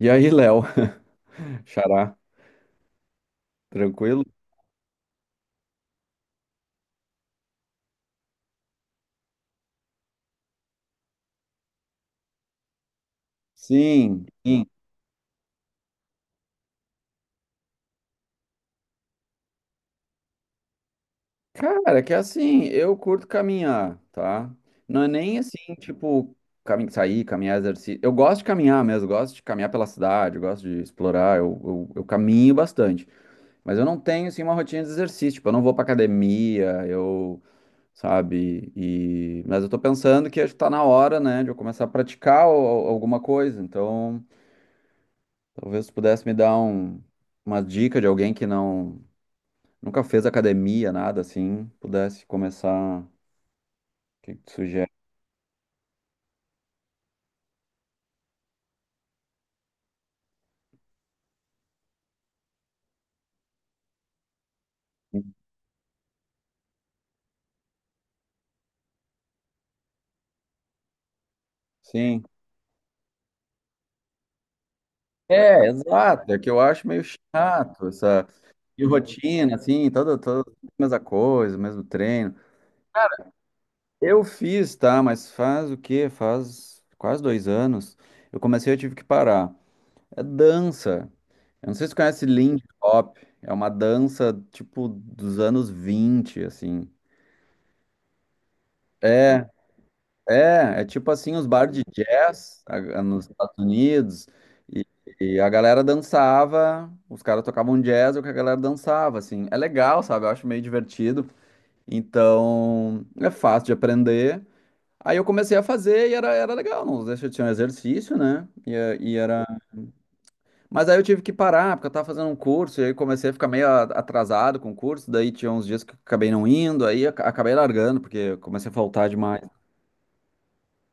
E aí, Léo? Xará, tranquilo? Sim, sim. Cara, que assim, eu curto caminhar, tá? Não é nem assim, tipo, sair, caminhar, exercício. Eu gosto de caminhar mesmo, gosto de caminhar pela cidade, gosto de explorar, eu caminho bastante. Mas eu não tenho, assim, uma rotina de exercício, tipo, eu não vou pra academia, eu, sabe? E... Mas eu tô pensando que acho que tá na hora, né, de eu começar a praticar alguma coisa, então... Talvez tu pudesse me dar uma dica de alguém que nunca fez academia, nada assim, pudesse começar. O que que tu sugere? Sim. É, exato. É que eu acho meio chato essa rotina, assim, toda a mesma coisa, mesmo treino. Eu fiz, tá? Mas faz o quê? Faz quase dois anos. Eu comecei, eu tive que parar. É dança. Eu não sei se tu conhece Lindy Hop. É uma dança, tipo, dos anos 20 assim. É, é tipo assim os bar de jazz nos Estados Unidos e, e a galera dançava, os caras tocavam jazz, é o que a galera dançava, assim. É legal, sabe? Eu acho meio divertido. Então, é fácil de aprender. Aí eu comecei a fazer e era legal, não deixa, tinha um exercício, né? E era... Mas aí eu tive que parar, porque eu tava fazendo um curso e aí comecei a ficar meio atrasado com o curso, daí tinha uns dias que eu acabei não indo, aí acabei largando, porque eu comecei a faltar demais.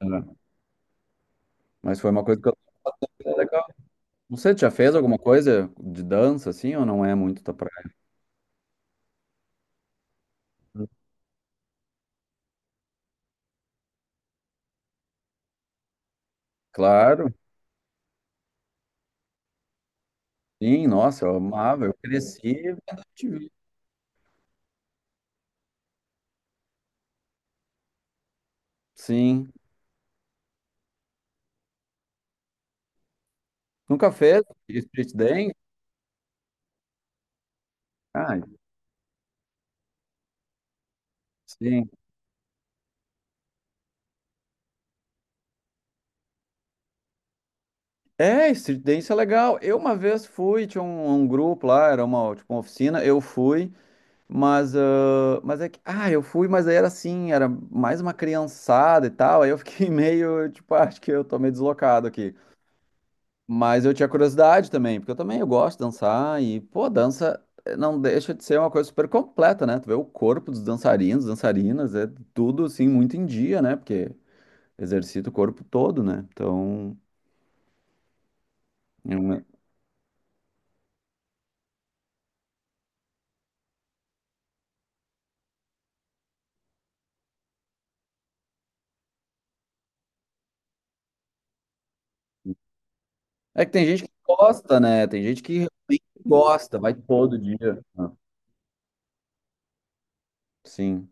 Né? Mas foi uma coisa que eu você já fez alguma coisa de dança assim ou não é muito tua praia? Claro, sim, nossa, eu amava, eu cresci vendo MTV. Sim. Nunca fez street dance? Ah, sim. É, street dance é legal. Eu uma vez fui, tinha um grupo lá, era uma, tipo, uma oficina, eu fui, mas, ah, mas é que, ah, eu fui, mas aí era assim, era mais uma criançada e tal, aí eu fiquei meio, tipo, ah, acho que eu tô meio deslocado aqui. Mas eu tinha curiosidade também, porque eu também eu gosto de dançar e, pô, dança não deixa de ser uma coisa super completa, né? Tu vê o corpo dos dançarinos, dançarinas, é tudo assim muito em dia, né? Porque exercita o corpo todo, né? Então, é uma- é que tem gente que gosta, né? Tem gente que realmente gosta, vai todo dia. Ah, sim.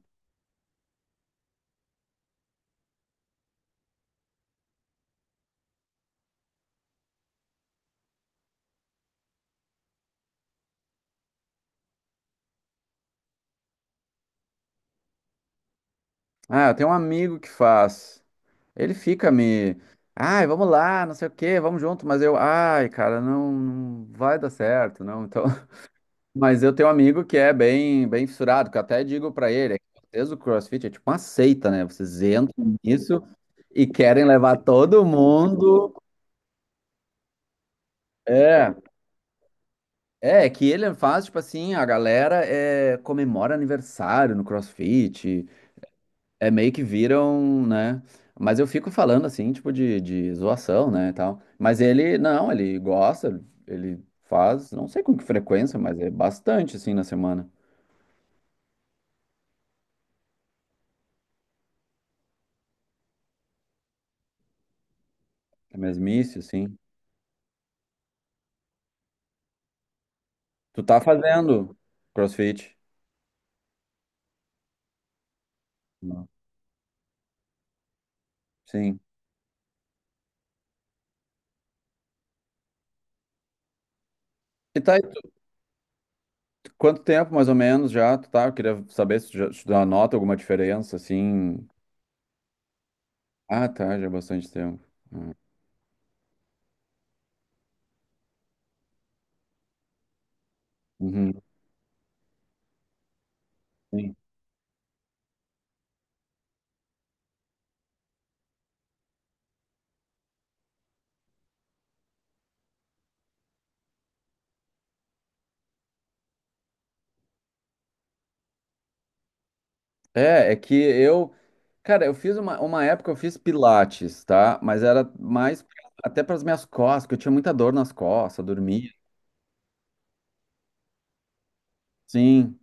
Ah, eu tenho um amigo que faz. Ele fica me, ai, vamos lá, não sei o quê, vamos junto, mas eu, ai, cara, não, não vai dar certo, não. Então, mas eu tenho um amigo que é bem, bem fissurado, que eu até digo pra ele, é que vocês o CrossFit é tipo uma seita, né? Vocês entram nisso e querem levar todo mundo. É, é, que ele faz, tipo assim, a galera comemora aniversário no CrossFit, é meio que viram, né? Mas eu fico falando assim, tipo, de zoação, né, e tal. Mas ele, não, ele gosta, ele faz, não sei com que frequência, mas é bastante, assim, na semana. É mesmice, assim. Tu tá fazendo CrossFit? Não. Sim. E tá aí, quanto tempo mais ou menos já tu tá? Eu queria saber se tu já nota alguma diferença, assim. Ah, tá, já é bastante tempo. Uhum. Sim. É, que eu, cara, eu fiz uma, época eu fiz pilates, tá? Mas era mais até para as minhas costas, porque eu tinha muita dor nas costas, dormia. Sim.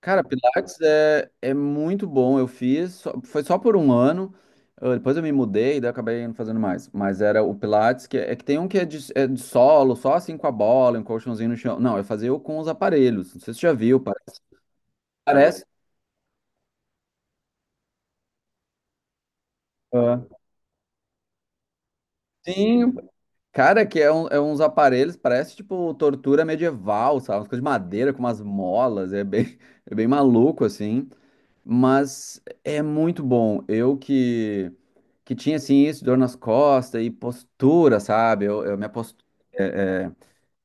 Cara, Pilates é muito bom. Eu fiz, foi só por um ano. Depois eu me mudei, daí eu acabei não fazendo mais. Mas era o Pilates, que é que tem um que é é de solo, só assim com a bola, um colchãozinho no chão. Não, eu fazia o com os aparelhos. Não sei se você já viu, parece. Parece. Ah. Sim, cara, que é, é uns aparelhos, parece tipo tortura medieval, sabe? Umas coisas de madeira com umas molas, é bem, é bem maluco, assim. Mas é muito bom. Eu que, tinha assim isso, dor nas costas e postura, sabe? Eu, minha postura é, é,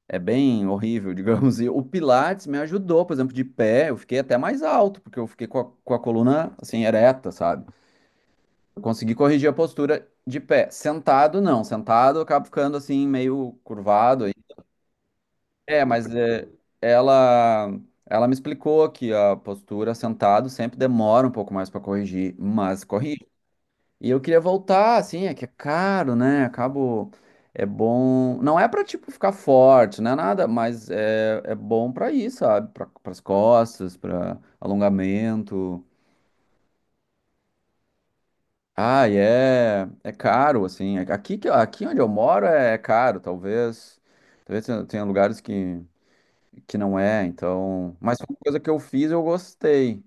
é bem horrível, digamos. E o Pilates me ajudou, por exemplo, de pé, eu fiquei até mais alto, porque eu fiquei com a coluna assim ereta, sabe? Eu consegui corrigir a postura de pé. Sentado, não. Sentado, eu acabo ficando assim meio curvado aí. É, mas é, ela ela me explicou que a postura sentado sempre demora um pouco mais para corrigir, mas corrige. E eu queria voltar, assim, é que é caro, né? Acabo. É bom. Não é pra, tipo, ficar forte, não é nada, mas é bom pra ir, sabe? Pras costas, pra alongamento. Ah, e é caro, assim. Aqui, aqui onde eu moro é caro, talvez. Talvez tenha lugares que não é, então. Mas foi uma coisa que eu fiz, eu gostei.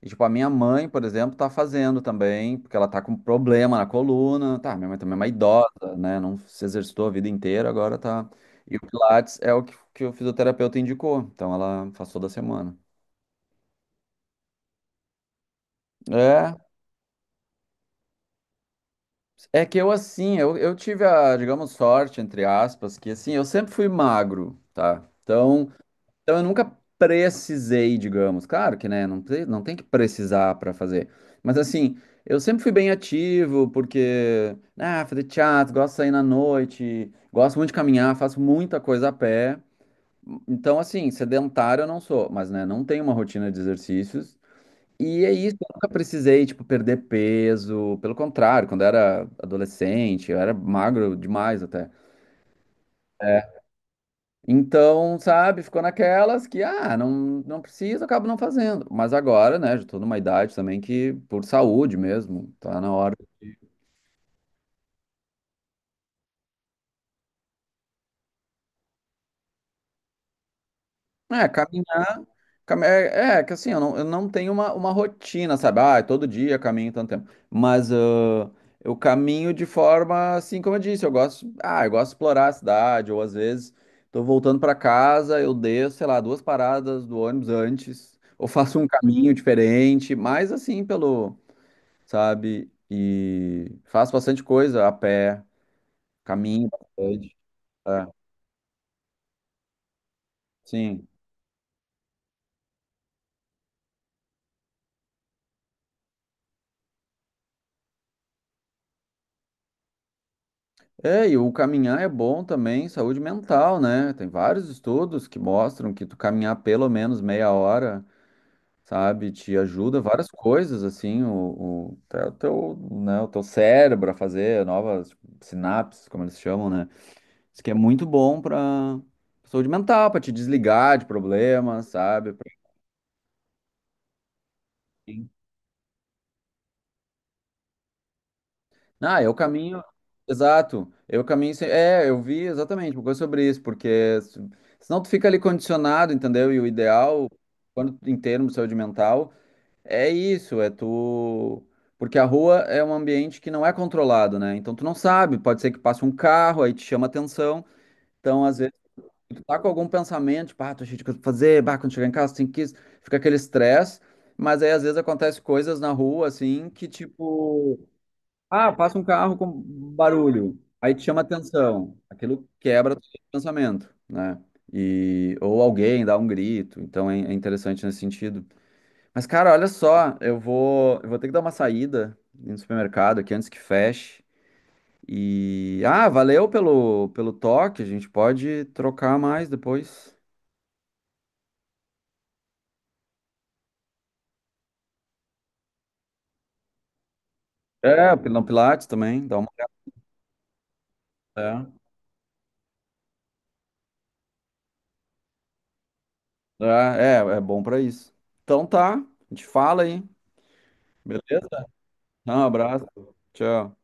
E, tipo, a minha mãe, por exemplo, tá fazendo também, porque ela tá com problema na coluna. Tá, minha mãe também é uma idosa, né? Não se exercitou a vida inteira, agora tá. E o Pilates é o que, que o fisioterapeuta indicou. Então ela faz toda semana. É, é, que eu assim, eu tive a, digamos, sorte, entre aspas, que assim, eu sempre fui magro, tá? Então, eu nunca precisei, digamos. Claro que, né, não tem que precisar para fazer. Mas assim, eu sempre fui bem ativo, porque, ah, fazer teatro, gosto de sair na noite, gosto muito de caminhar, faço muita coisa a pé. Então, assim, sedentário eu não sou, mas, né, não tenho uma rotina de exercícios. E é isso, eu nunca precisei, tipo, perder peso. Pelo contrário, quando eu era adolescente, eu era magro demais até. Então, sabe, ficou naquelas que, ah, não, não preciso, acabo não fazendo. Mas agora, né, já tô numa idade também que, por saúde mesmo, tá na hora. É, caminhar, é, que assim, eu não tenho uma rotina, sabe? Ah, é todo dia caminho tanto tempo. Mas ah, eu caminho de forma, assim, como eu disse, eu gosto de explorar a cidade, ou às vezes tô voltando pra casa, eu desço, sei lá, duas paradas do ônibus antes, ou faço um caminho diferente, mas assim, pelo sabe? E faço bastante coisa a pé, caminho bastante. É, sim. É, e o caminhar é bom também, saúde mental, né? Tem vários estudos que mostram que tu caminhar pelo menos meia hora, sabe, te ajuda várias coisas, assim, até o teu, né, o teu cérebro a fazer novas sinapses, como eles chamam, né? Isso que é muito bom pra saúde mental, pra te desligar de problemas, sabe? Ah, eu caminho. Exato. Eu caminho sem. É, eu vi exatamente uma coisa sobre isso, porque senão tu fica ali condicionado, entendeu? E o ideal, quando em termos de saúde mental, é isso, é tu. Porque a rua é um ambiente que não é controlado, né? Então tu não sabe, pode ser que passe um carro, aí te chama atenção. Então, às vezes, tu tá com algum pensamento, tipo, ah, tô cheio de coisa pra fazer, bah, quando chegar em casa tem que isso, fica aquele estresse, mas aí às vezes acontece coisas na rua, assim, que tipo. Ah, passa um carro com barulho, aí te chama atenção, aquilo quebra o pensamento, né? E, ou alguém dá um grito, então é interessante nesse sentido. Mas, cara, olha só, eu vou ter que dar uma saída no supermercado aqui antes que feche. E, ah, valeu pelo toque, a gente pode trocar mais depois. É, no Pilates também, dá uma. É, é bom pra isso. Então tá, a gente fala aí, beleza? Um abraço, tchau.